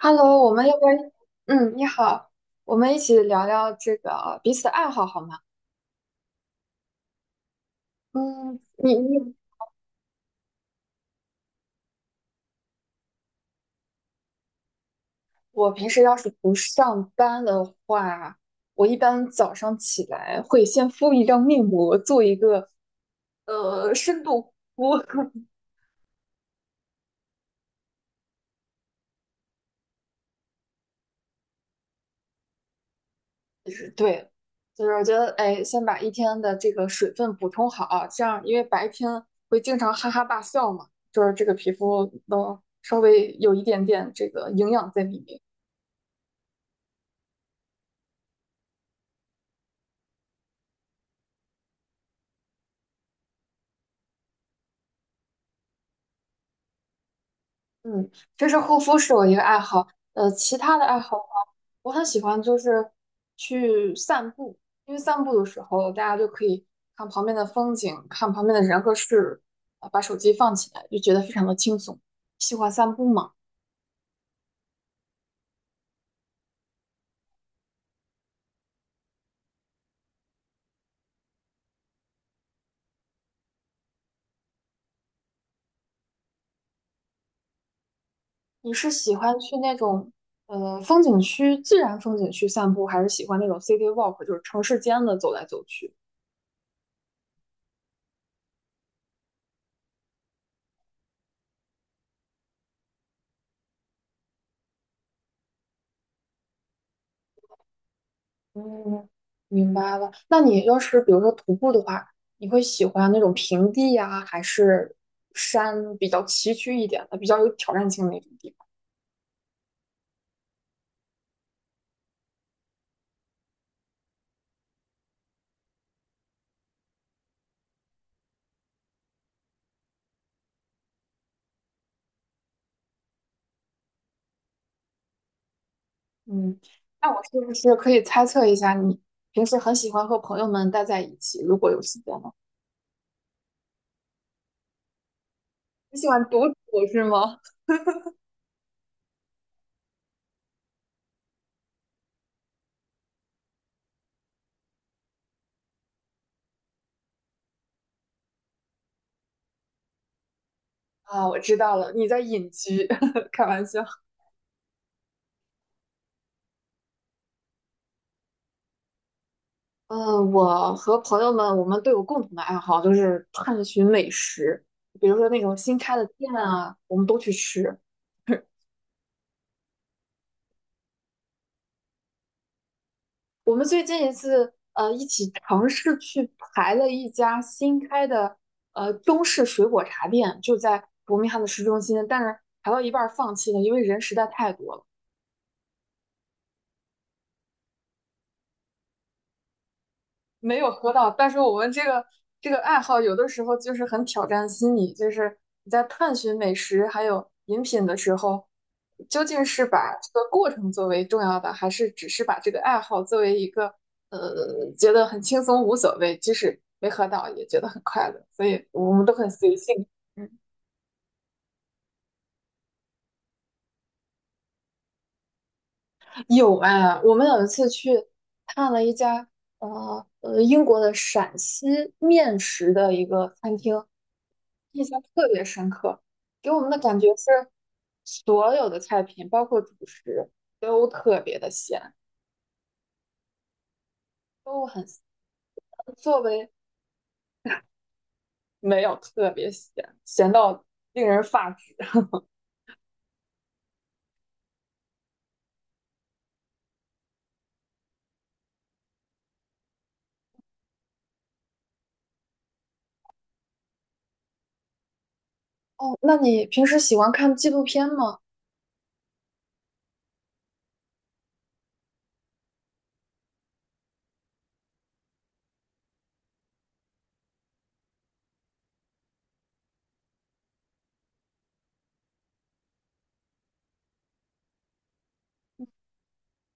Hello，我们要不然，嗯，你好，我们一起聊聊这个彼此的爱好好吗？嗯，你，我平时要是不上班的话，我一般早上起来会先敷一张面膜，做一个深度呼。对，就是我觉得，哎，先把一天的这个水分补充好啊，这样因为白天会经常哈哈大笑嘛，就是这个皮肤能稍微有一点点这个营养在里面。嗯，这是护肤是我一个爱好，其他的爱好的话，我很喜欢就是去散步，因为散步的时候大家就可以看旁边的风景，看旁边的人和事，啊，把手机放起来，就觉得非常的轻松。喜欢散步吗？你是喜欢去那种风景区、自然风景区散步，还是喜欢那种 city walk，就是城市间的走来走去？嗯，明白了。那你要是比如说徒步的话，你会喜欢那种平地呀，还是山比较崎岖一点的，比较有挑战性的那种地方？嗯，那我是不是可以猜测一下，你平时很喜欢和朋友们待在一起，如果有时间呢？你喜欢独处是吗？啊，我知道了，你在隐居，开玩笑。嗯，我和朋友们，我们都有共同的爱好，就是探寻美食，比如说那种新开的店啊，我们都去吃。我们最近一次一起尝试去排了一家新开的中式水果茶店，就在伯明翰的市中心，但是排到一半儿放弃了，因为人实在太多了。没有喝到，但是我们这个这个爱好有的时候就是很挑战心理，就是你在探寻美食还有饮品的时候，究竟是把这个过程作为重要的，还是只是把这个爱好作为一个觉得很轻松无所谓，即使没喝到也觉得很快乐，所以我们都很随性。嗯，有啊，我们有一次去看了一家英国的陕西面食的一个餐厅。印象特别深刻，给我们的感觉是所有的菜品，包括主食，都特别的咸，都很咸作为没有特别咸，咸到令人发指。哦，那你平时喜欢看纪录片吗？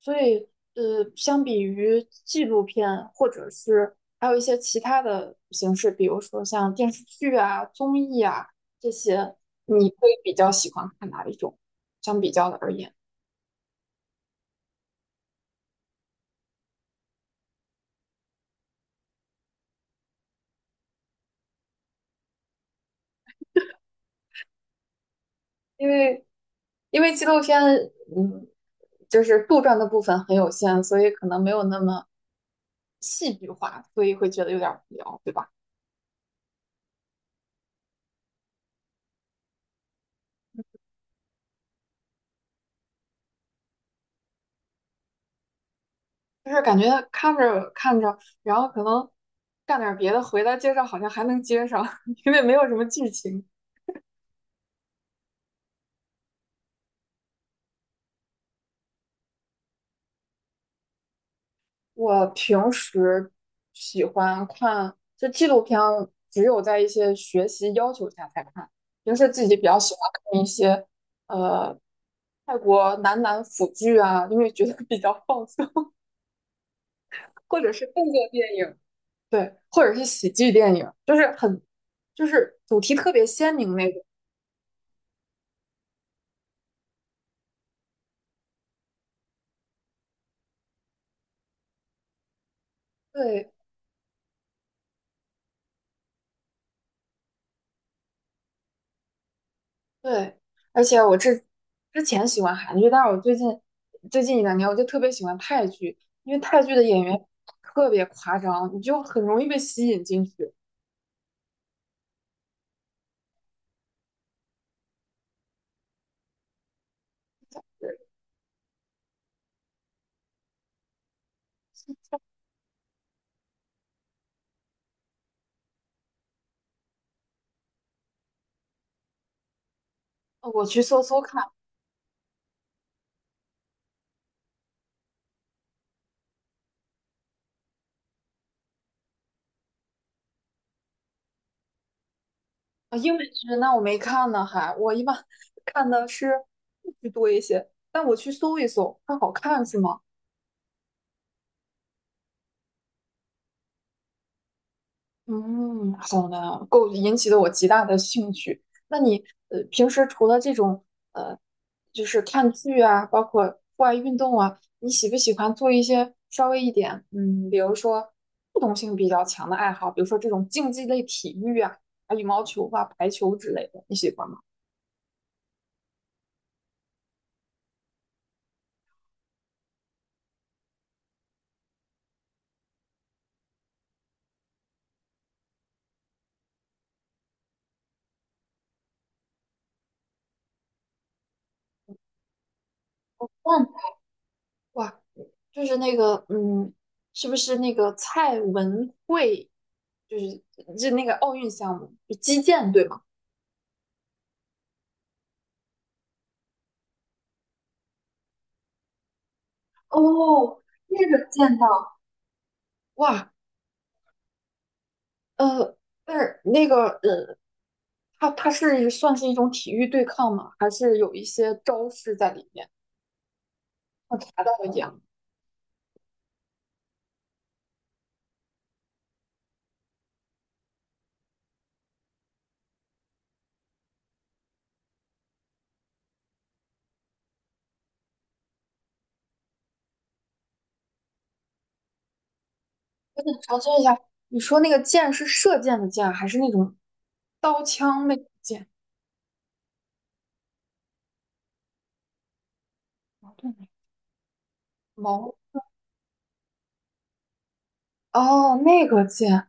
所以，呃，相比于纪录片，或者是还有一些其他的形式，比如说像电视剧啊、综艺啊这些，你会比较喜欢看哪一种？相比较的而言。因为因为纪录片，嗯，就是杜撰的部分很有限，所以可能没有那么戏剧化，所以会觉得有点无聊，对吧？就是感觉看着看着，然后可能干点别的，回来接着好像还能接上，因为没有什么剧情。我平时喜欢看，就纪录片，只有在一些学习要求下才看，平时自己比较喜欢看一些。呃。泰国男男腐剧啊，因为觉得比较放松，或者是动作电影，对，或者是喜剧电影，就是很，就是主题特别鲜明那种。对对，而且之前喜欢韩剧，但是我最近最近一两年我就特别喜欢泰剧，因为泰剧的演员特别夸张，你就很容易被吸引进去。对，我去搜搜看。啊，英美剧那我没看呢，还我一般 看的是日剧多一些，但我去搜一搜，它好看是吗？嗯，好呢，够引起了我极大的兴趣。那你平时除了这种呃，就是看剧啊，包括户外运动啊，你喜不喜欢做一些稍微一点嗯，比如说互动性比较强的爱好，比如说这种竞技类体育啊，啊羽毛球啊、排球之类的，你喜欢吗？嗯。哇，就是那个，嗯，是不是那个蔡文慧，就是就那个奥运项目，就击剑对吗？哦，那个剑道。哇，呃，但是那个，呃，它是算是一种体育对抗吗？还是有一些招式在里面？我查到了一样，我想查询一下，你说那个剑是射箭的箭，还是那种刀枪那种剑？矛盾矛哦，那个剑。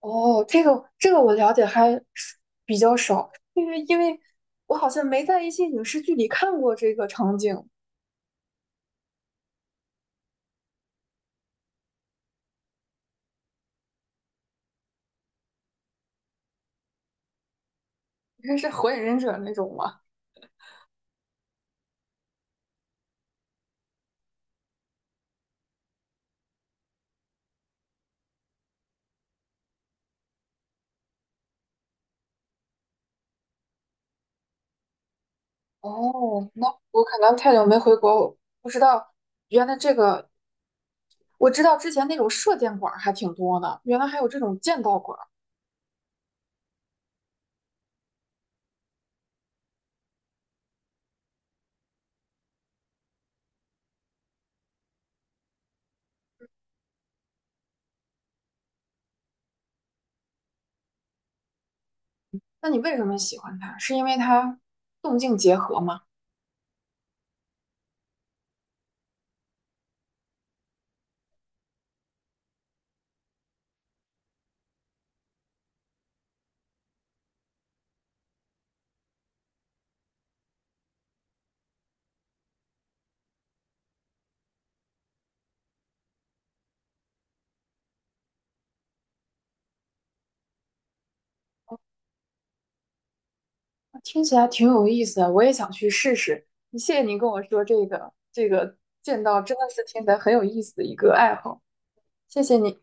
哦，这个这个我了解还是比较少，因为我好像没在一些影视剧里看过这个场景。应该是火影忍者那种吗？哦，那我可能太久没回国，我不知道原来这个，我知道之前那种射箭馆儿还挺多的，原来还有这种剑道馆儿。那你为什么喜欢它？是因为它动静结合吗？听起来挺有意思的，我也想去试试。谢谢您跟我说这个，这个剑道真的是听起来很有意思的一个爱好，谢谢你。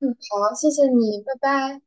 嗯，好，谢谢你，拜拜。